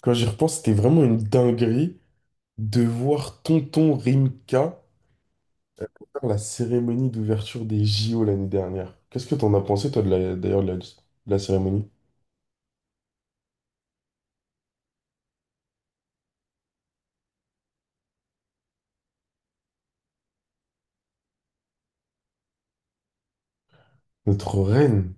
Quand j'y repense, c'était vraiment une dinguerie de voir Tonton Rimka faire la cérémonie d'ouverture des JO l'année dernière. Qu'est-ce que t'en as pensé, toi, de la cérémonie? Notre reine.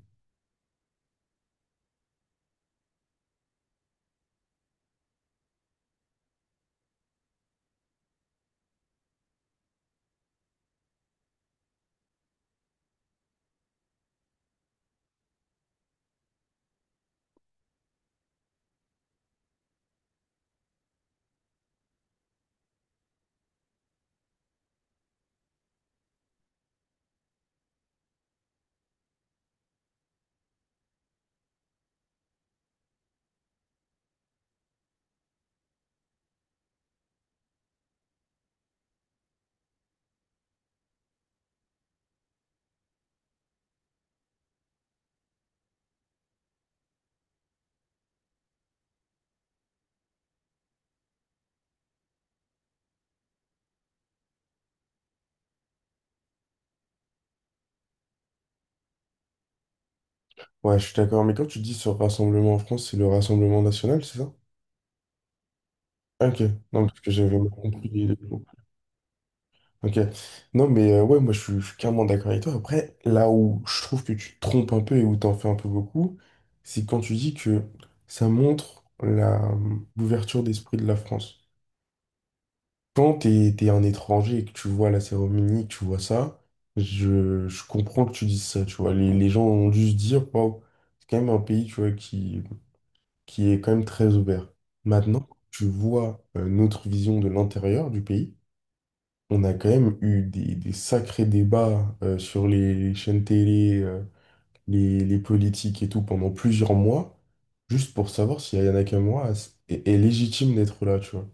Ouais, je suis d'accord, mais quand tu dis ce rassemblement en France, c'est le Rassemblement national, c'est ça? Ok, non, parce que j'avais mal compris les mots. Ok, non, mais ouais, moi, je suis carrément d'accord avec toi. Après, là où je trouve que tu te trompes un peu et où t'en fais un peu beaucoup, c'est quand tu dis que ça montre la l'ouverture d'esprit de la France. Quand t'es un étranger et que tu vois la cérémonie, que tu vois ça, je comprends que tu dises ça, tu vois. Les gens ont dû se dire, wow, c'est quand même un pays, tu vois, qui est quand même très ouvert. Maintenant, quand tu vois notre vision de l'intérieur du pays, on a quand même eu des sacrés débats sur les chaînes télé, les politiques et tout pendant plusieurs mois, juste pour savoir si Ayana Kamura est légitime d'être là, tu vois.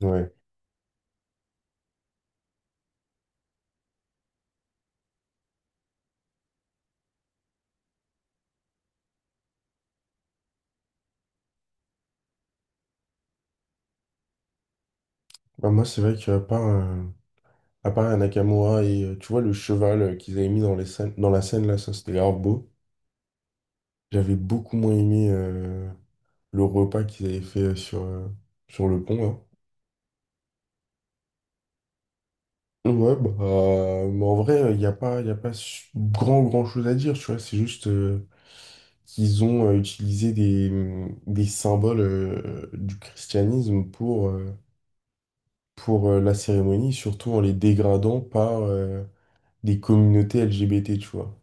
Ouais. Bah, moi, c'est vrai qu'il n'y a pas un... À part un Nakamura et tu vois le cheval qu'ils avaient mis dans les scènes, dans la scène là, ça c'était grave beau. J'avais beaucoup moins aimé le repas qu'ils avaient fait sur le pont là. Ouais, bah, mais en vrai, il n'y a pas, y a pas grand chose à dire, tu vois. C'est juste qu'ils ont utilisé des symboles du christianisme pour la cérémonie, surtout en les dégradant par des communautés LGBT, tu vois.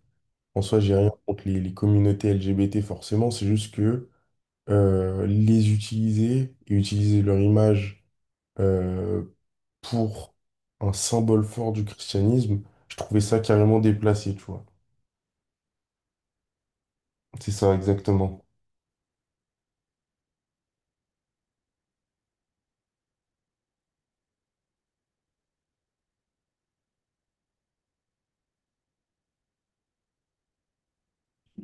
En soi, j'ai rien contre les communautés LGBT forcément, c'est juste que les utiliser et utiliser leur image euh, pour un symbole fort du christianisme, je trouvais ça carrément déplacé, tu vois. C'est ça exactement.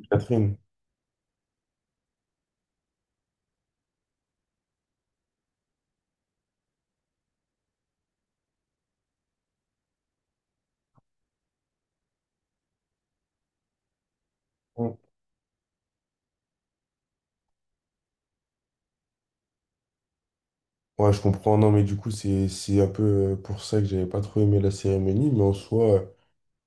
Catherine. Mm. Ouais, je comprends. Non, mais du coup, c'est un peu pour ça que j'avais pas trop aimé la cérémonie, mais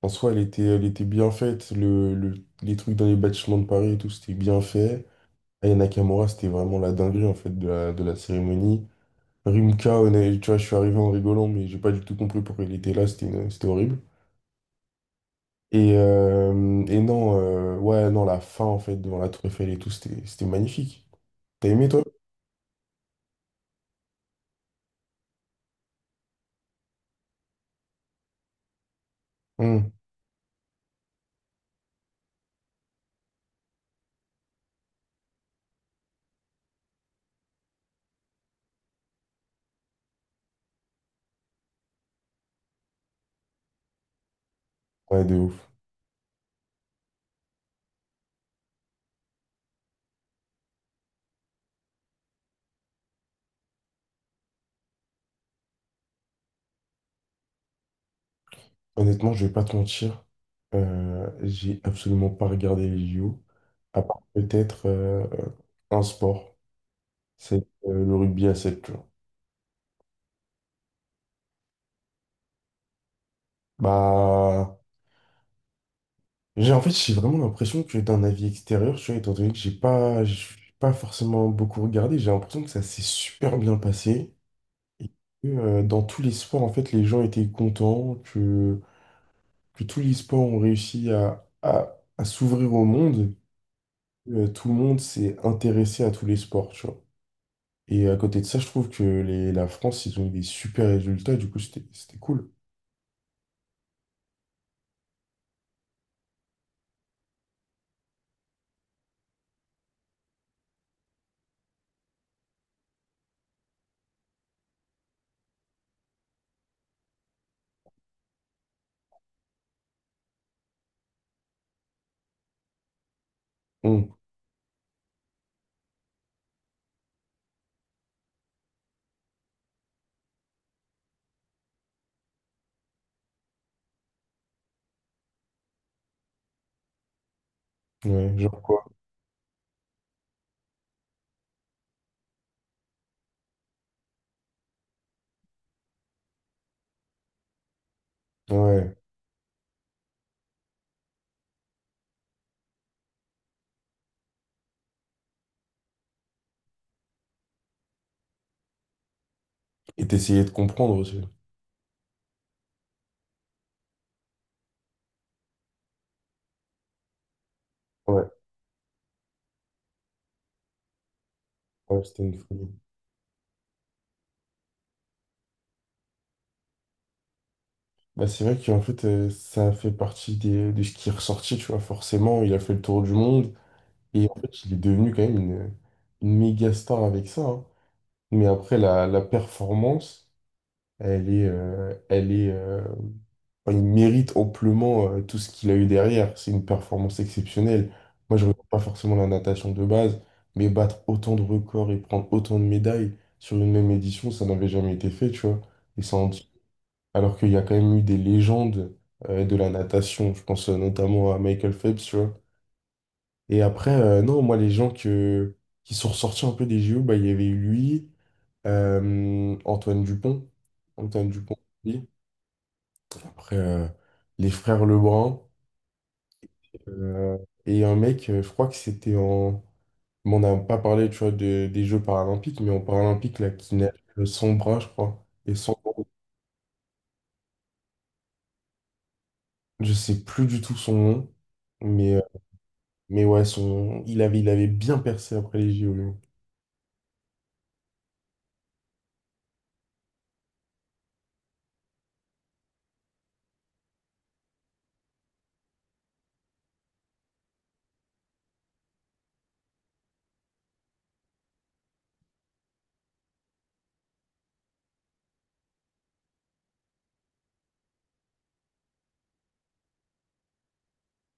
en soi, elle était bien faite. Les trucs dans les bâtiments de Paris et tout, c'était bien fait. Aya Nakamura, c'était vraiment la dinguerie en fait de de la cérémonie. Rimka, tu vois, je suis arrivé en rigolant, mais j'ai pas du tout compris pourquoi il était là, c'était horrible. Et non, ouais, non, la fin, en fait, devant la Tour Eiffel et tout, c'était magnifique. T'as aimé, toi? Hmm. Ouais, de ouf. Honnêtement, je vais pas te mentir, j'ai absolument pas regardé les JO, à part peut-être un sport, c'est le rugby à 7. Tu vois. Bah, j'ai vraiment l'impression que d'un avis extérieur, tu vois, étant donné que j'ai pas forcément beaucoup regardé, j'ai l'impression que ça s'est super bien passé. Et que, dans tous les sports, en fait, les gens étaient contents, que tous les sports ont réussi à s'ouvrir au monde. Tout le monde s'est intéressé à tous les sports, tu vois. Et à côté de ça, je trouve que la France, ils ont eu des super résultats, du coup, c'était cool. Hum. Ouais, genre quoi? Ouais. Et d'essayer de comprendre aussi. Ouais, ouais, c'était une folie. Bah, c'est vrai qu'en fait, ça fait partie de ce qui est ressorti, tu vois. Forcément, il a fait le tour du monde et en fait, il est devenu quand même une méga star avec ça, hein. Mais après, la performance, elle est, enfin, il mérite amplement tout ce qu'il a eu derrière. C'est une performance exceptionnelle. Moi, je ne regarde pas forcément la natation de base, mais battre autant de records et prendre autant de médailles sur une même édition, ça n'avait jamais été fait, tu vois. Et ça en dit alors qu'il y a quand même eu des légendes de la natation. Je pense notamment à Michael Phelps, tu vois. Et après, non, moi, qui sont ressortis un peu des JO, bah, il y avait eu lui, Antoine Dupont. Antoine Dupont, oui. Après, les frères Lebrun. euh, et un mec, je crois que c'était en... Bon, on n'a pas parlé, tu vois, des Jeux paralympiques, mais en paralympique, là, qui nage sans bras, je crois. Et sans... Je sais plus du tout son nom, mais... Mais ouais, son... il avait bien percé après les JO, lui.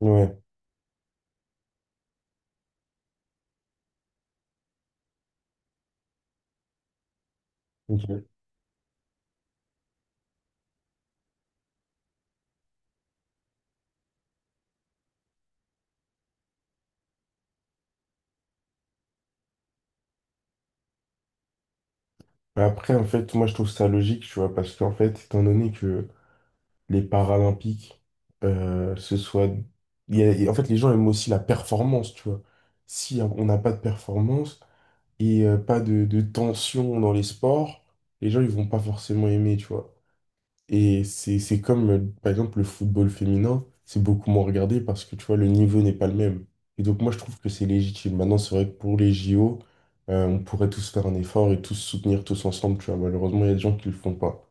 Ouais. Ok. Bah après, en fait, moi, je trouve ça logique, tu vois, parce qu'en fait, étant donné que les Paralympiques, ce soit... il y a- et en fait, les gens aiment aussi la performance, tu vois. Si on n'a pas de performance et pas de tension dans les sports, les gens, ils vont pas forcément aimer, tu vois. Et c'est comme, par exemple, le football féminin, c'est beaucoup moins regardé parce que, tu vois, le niveau n'est pas le même. Et donc, moi, je trouve que c'est légitime. Maintenant, c'est vrai que pour les JO, on pourrait tous faire un effort et tous se soutenir tous ensemble, tu vois. Malheureusement, il y a des gens qui le font pas.